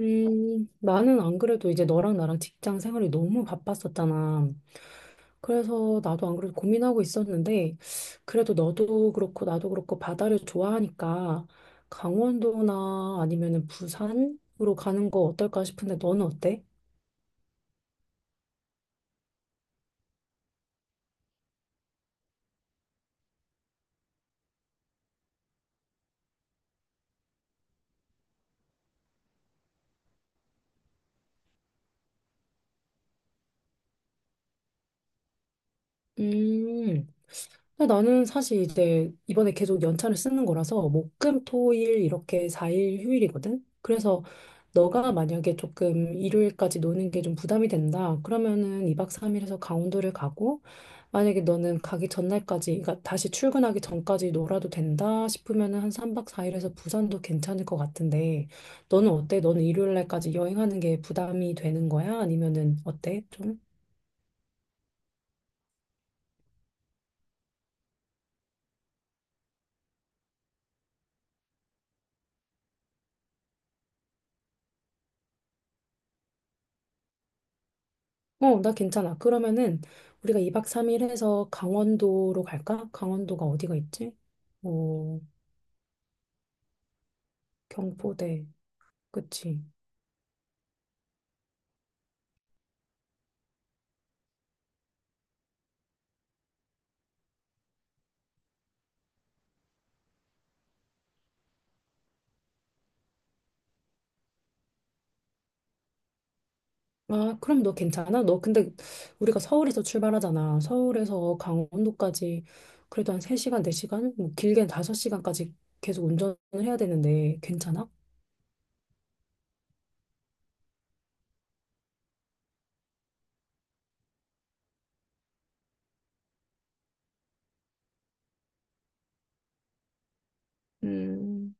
나는 안 그래도 이제 너랑 나랑 직장 생활이 너무 바빴었잖아. 그래서 나도 안 그래도 고민하고 있었는데, 그래도 너도 그렇고 나도 그렇고 바다를 좋아하니까 강원도나 아니면은 부산으로 가는 거 어떨까 싶은데 너는 어때? 음. 근데 나는 사실 이제 이번에 계속 연차를 쓰는 거라서 목, 금, 토, 일 이렇게 4일 휴일이거든. 그래서 너가 만약에 조금 일요일까지 노는 게 좀 부담이 된다. 그러면은 2박 3일에서 강원도를 가고 만약에 너는 가기 전날까지 그러니까 다시 출근하기 전까지 놀아도 된다 싶으면은 한 3박 4일에서 부산도 괜찮을 것 같은데 너는 어때? 너는 일요일날까지 여행하는 게 부담이 되는 거야? 아니면은 어때? 어, 나 괜찮아. 그러면은 우리가 2박 3일 해서 강원도로 갈까? 강원도가 어디가 있지? 어, 경포대. 그치. 아, 그럼 너 괜찮아? 너 근데 우리가 서울에서 출발하잖아. 서울에서 강원도까지 그래도 한 3시간, 4시간? 뭐 길게는 5시간까지 계속 운전을 해야 되는데 괜찮아? 음,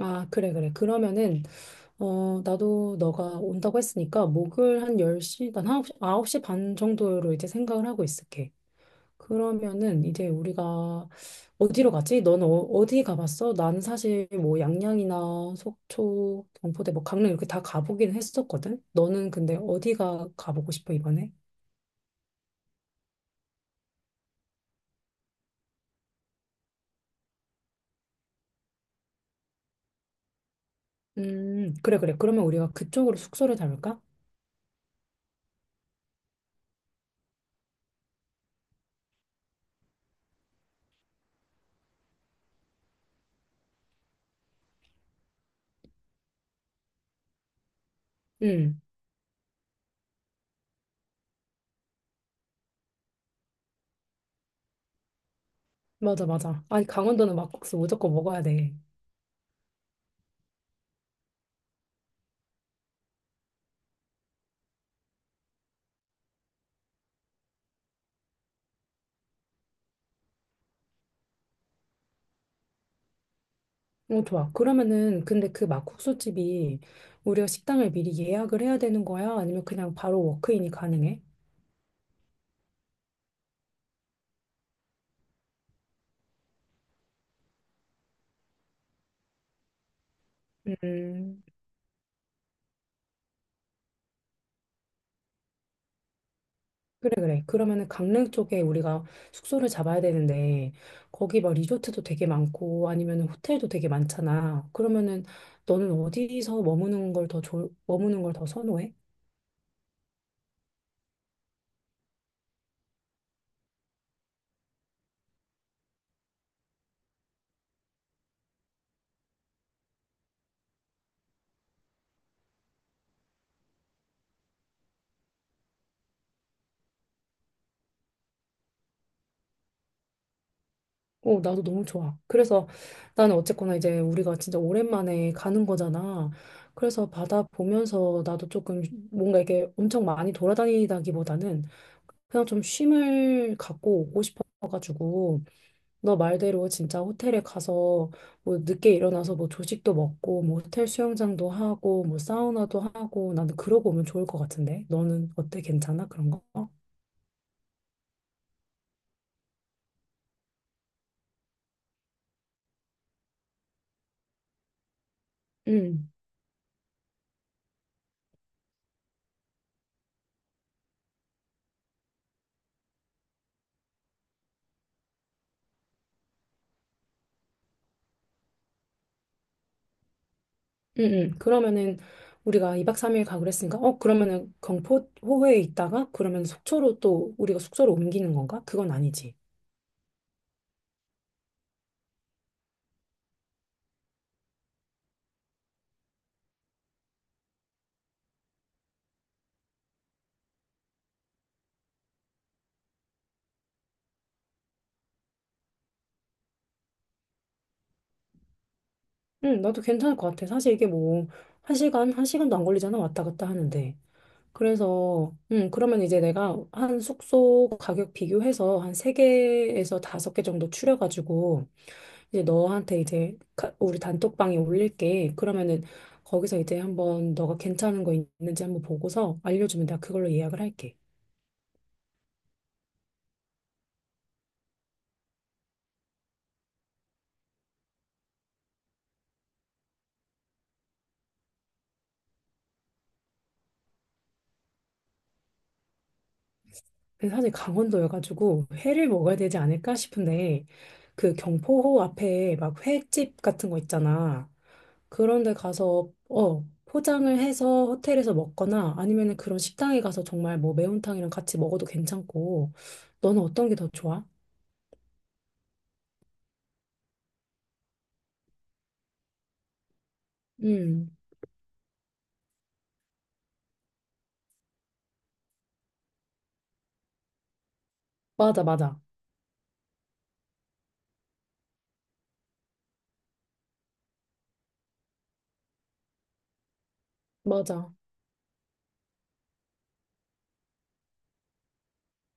아, 그래, 그래. 그러면은, 나도 너가 온다고 했으니까, 목요일 한 10시, 난 9시, 9시 반 정도로 이제 생각을 하고 있을게. 그러면은 이제 우리가 어디로 가지? 너는 어, 디 가봤어? 난 사실 뭐 양양이나 속초, 경포대, 뭐 강릉 이렇게 다 가보긴 했었거든. 너는 근데 어디가 가보고 싶어 이번에? 그래 그래. 그러면 우리가 그쪽으로 숙소를 잡을까? 음, 맞아 맞아. 아니 강원도는 막국수 무조건 먹어야 돼. 어, 좋아. 그러면은 근데 그 막국수 집이 우리가 식당을 미리 예약을 해야 되는 거야? 아니면 그냥 바로 워크인이 가능해? 음. 그래, 그래. 그러면은 강릉 쪽에 우리가 숙소를 잡아야 되는데, 거기 막 리조트도 되게 많고, 아니면 호텔도 되게 많잖아. 그러면은 너는 어디서 머무는 걸 더 선호해? 어, 나도 너무 좋아. 그래서 나는 어쨌거나 이제 우리가 진짜 오랜만에 가는 거잖아. 그래서 바다 보면서 나도 조금 뭔가 이렇게 엄청 많이 돌아다니다기보다는 그냥 좀 쉼을 갖고 오고 싶어가지고, 너 말대로 진짜 호텔에 가서 뭐 늦게 일어나서 뭐 조식도 먹고 뭐 호텔 수영장도 하고 뭐 사우나도 하고 나는 그러고 오면 좋을 것 같은데 너는 어때? 괜찮아? 그런 거? 응, 응, 응. 그러면은 우리가 2박 3일 가고 그랬으니까 그러면은 경포 호회에 있다가 그러면 속초로 또 우리가 숙소로 옮기는 건가? 그건 아니지. 응, 나도 괜찮을 것 같아. 사실 이게 뭐 한 시간도 안 걸리잖아 왔다 갔다 하는데. 그래서, 그러면 이제 내가 한 숙소 가격 비교해서 한 세개에서 다섯 개 정도 추려가지고, 이제 너한테 이제 우리 단톡방에 올릴게. 그러면은 거기서 이제 한번 너가 괜찮은 거 있는지 한번 보고서 알려주면 내가 그걸로 예약을 할게. 근데 사실 강원도여가지고 회를 먹어야 되지 않을까 싶은데, 그 경포호 앞에 막 횟집 같은 거 있잖아. 그런 데 가서 포장을 해서 호텔에서 먹거나 아니면은 그런 식당에 가서 정말 뭐 매운탕이랑 같이 먹어도 괜찮고 너는 어떤 게 더 좋아? 음. 맞아, 맞아, 맞아.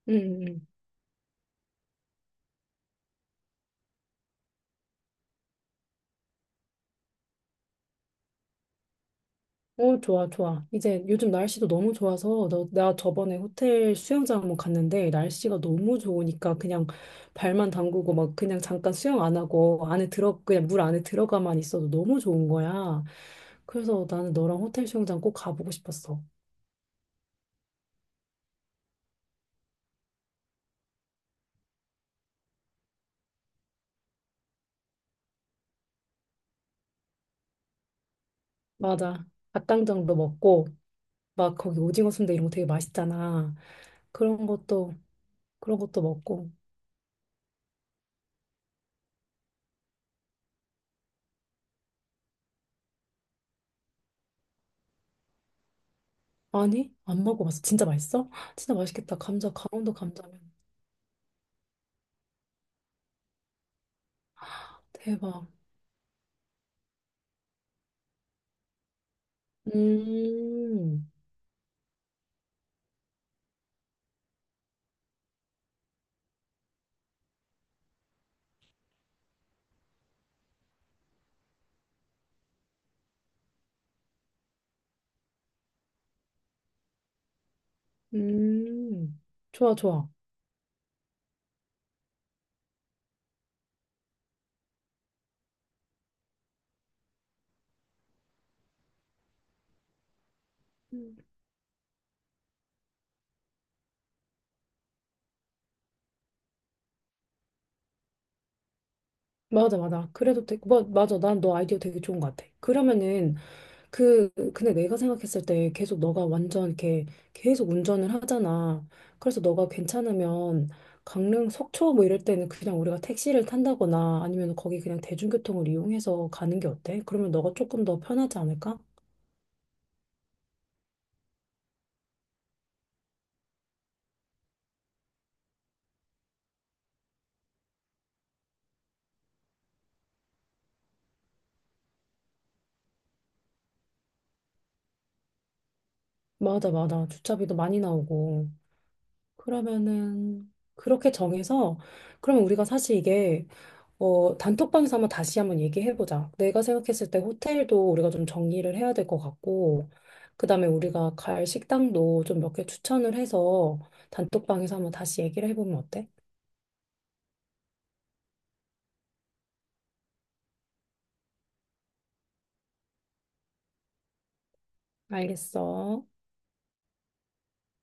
음어. 좋아, 좋아. 이제 요즘 날씨도 너무 좋아서 나 저번에 호텔 수영장 한번 갔는데 날씨가 너무 좋으니까 그냥 발만 담그고 막 그냥 잠깐 수영 안 하고 안에 들어 그냥 물 안에 들어가만 있어도 너무 좋은 거야. 그래서 나는 너랑 호텔 수영장 꼭 가보고 싶었어. 맞아. 닭강정도 먹고, 막 거기 오징어 순대 이런 거 되게 맛있잖아. 그런 것도, 그런 것도 먹고. 아니, 안 먹어봤어. 진짜 맛있어? 진짜 맛있겠다. 감자, 강원도 감자면. 대박. 음, 음. 좋아, 좋아. 맞아, 맞아. 그래도 되게, 뭐, 맞아. 난 너 아이디어 되게 좋은 것 같아. 그러면은, 근데 내가 생각했을 때 계속 너가 완전 이렇게 계속 운전을 하잖아. 그래서 너가 괜찮으면 강릉 속초 뭐 이럴 때는 그냥 우리가 택시를 탄다거나 아니면 거기 그냥 대중교통을 이용해서 가는 게 어때? 그러면 너가 조금 더 편하지 않을까? 맞아, 맞아. 주차비도 많이 나오고. 그러면은, 그렇게 정해서, 그러면 우리가 사실 이게 단톡방에서 한번 다시 한번 얘기해보자. 내가 생각했을 때 호텔도 우리가 좀 정리를 해야 될 것 같고, 그 다음에 우리가 갈 식당도 좀 몇 개 추천을 해서 단톡방에서 한번 다시 얘기를 해보면 어때? 알겠어.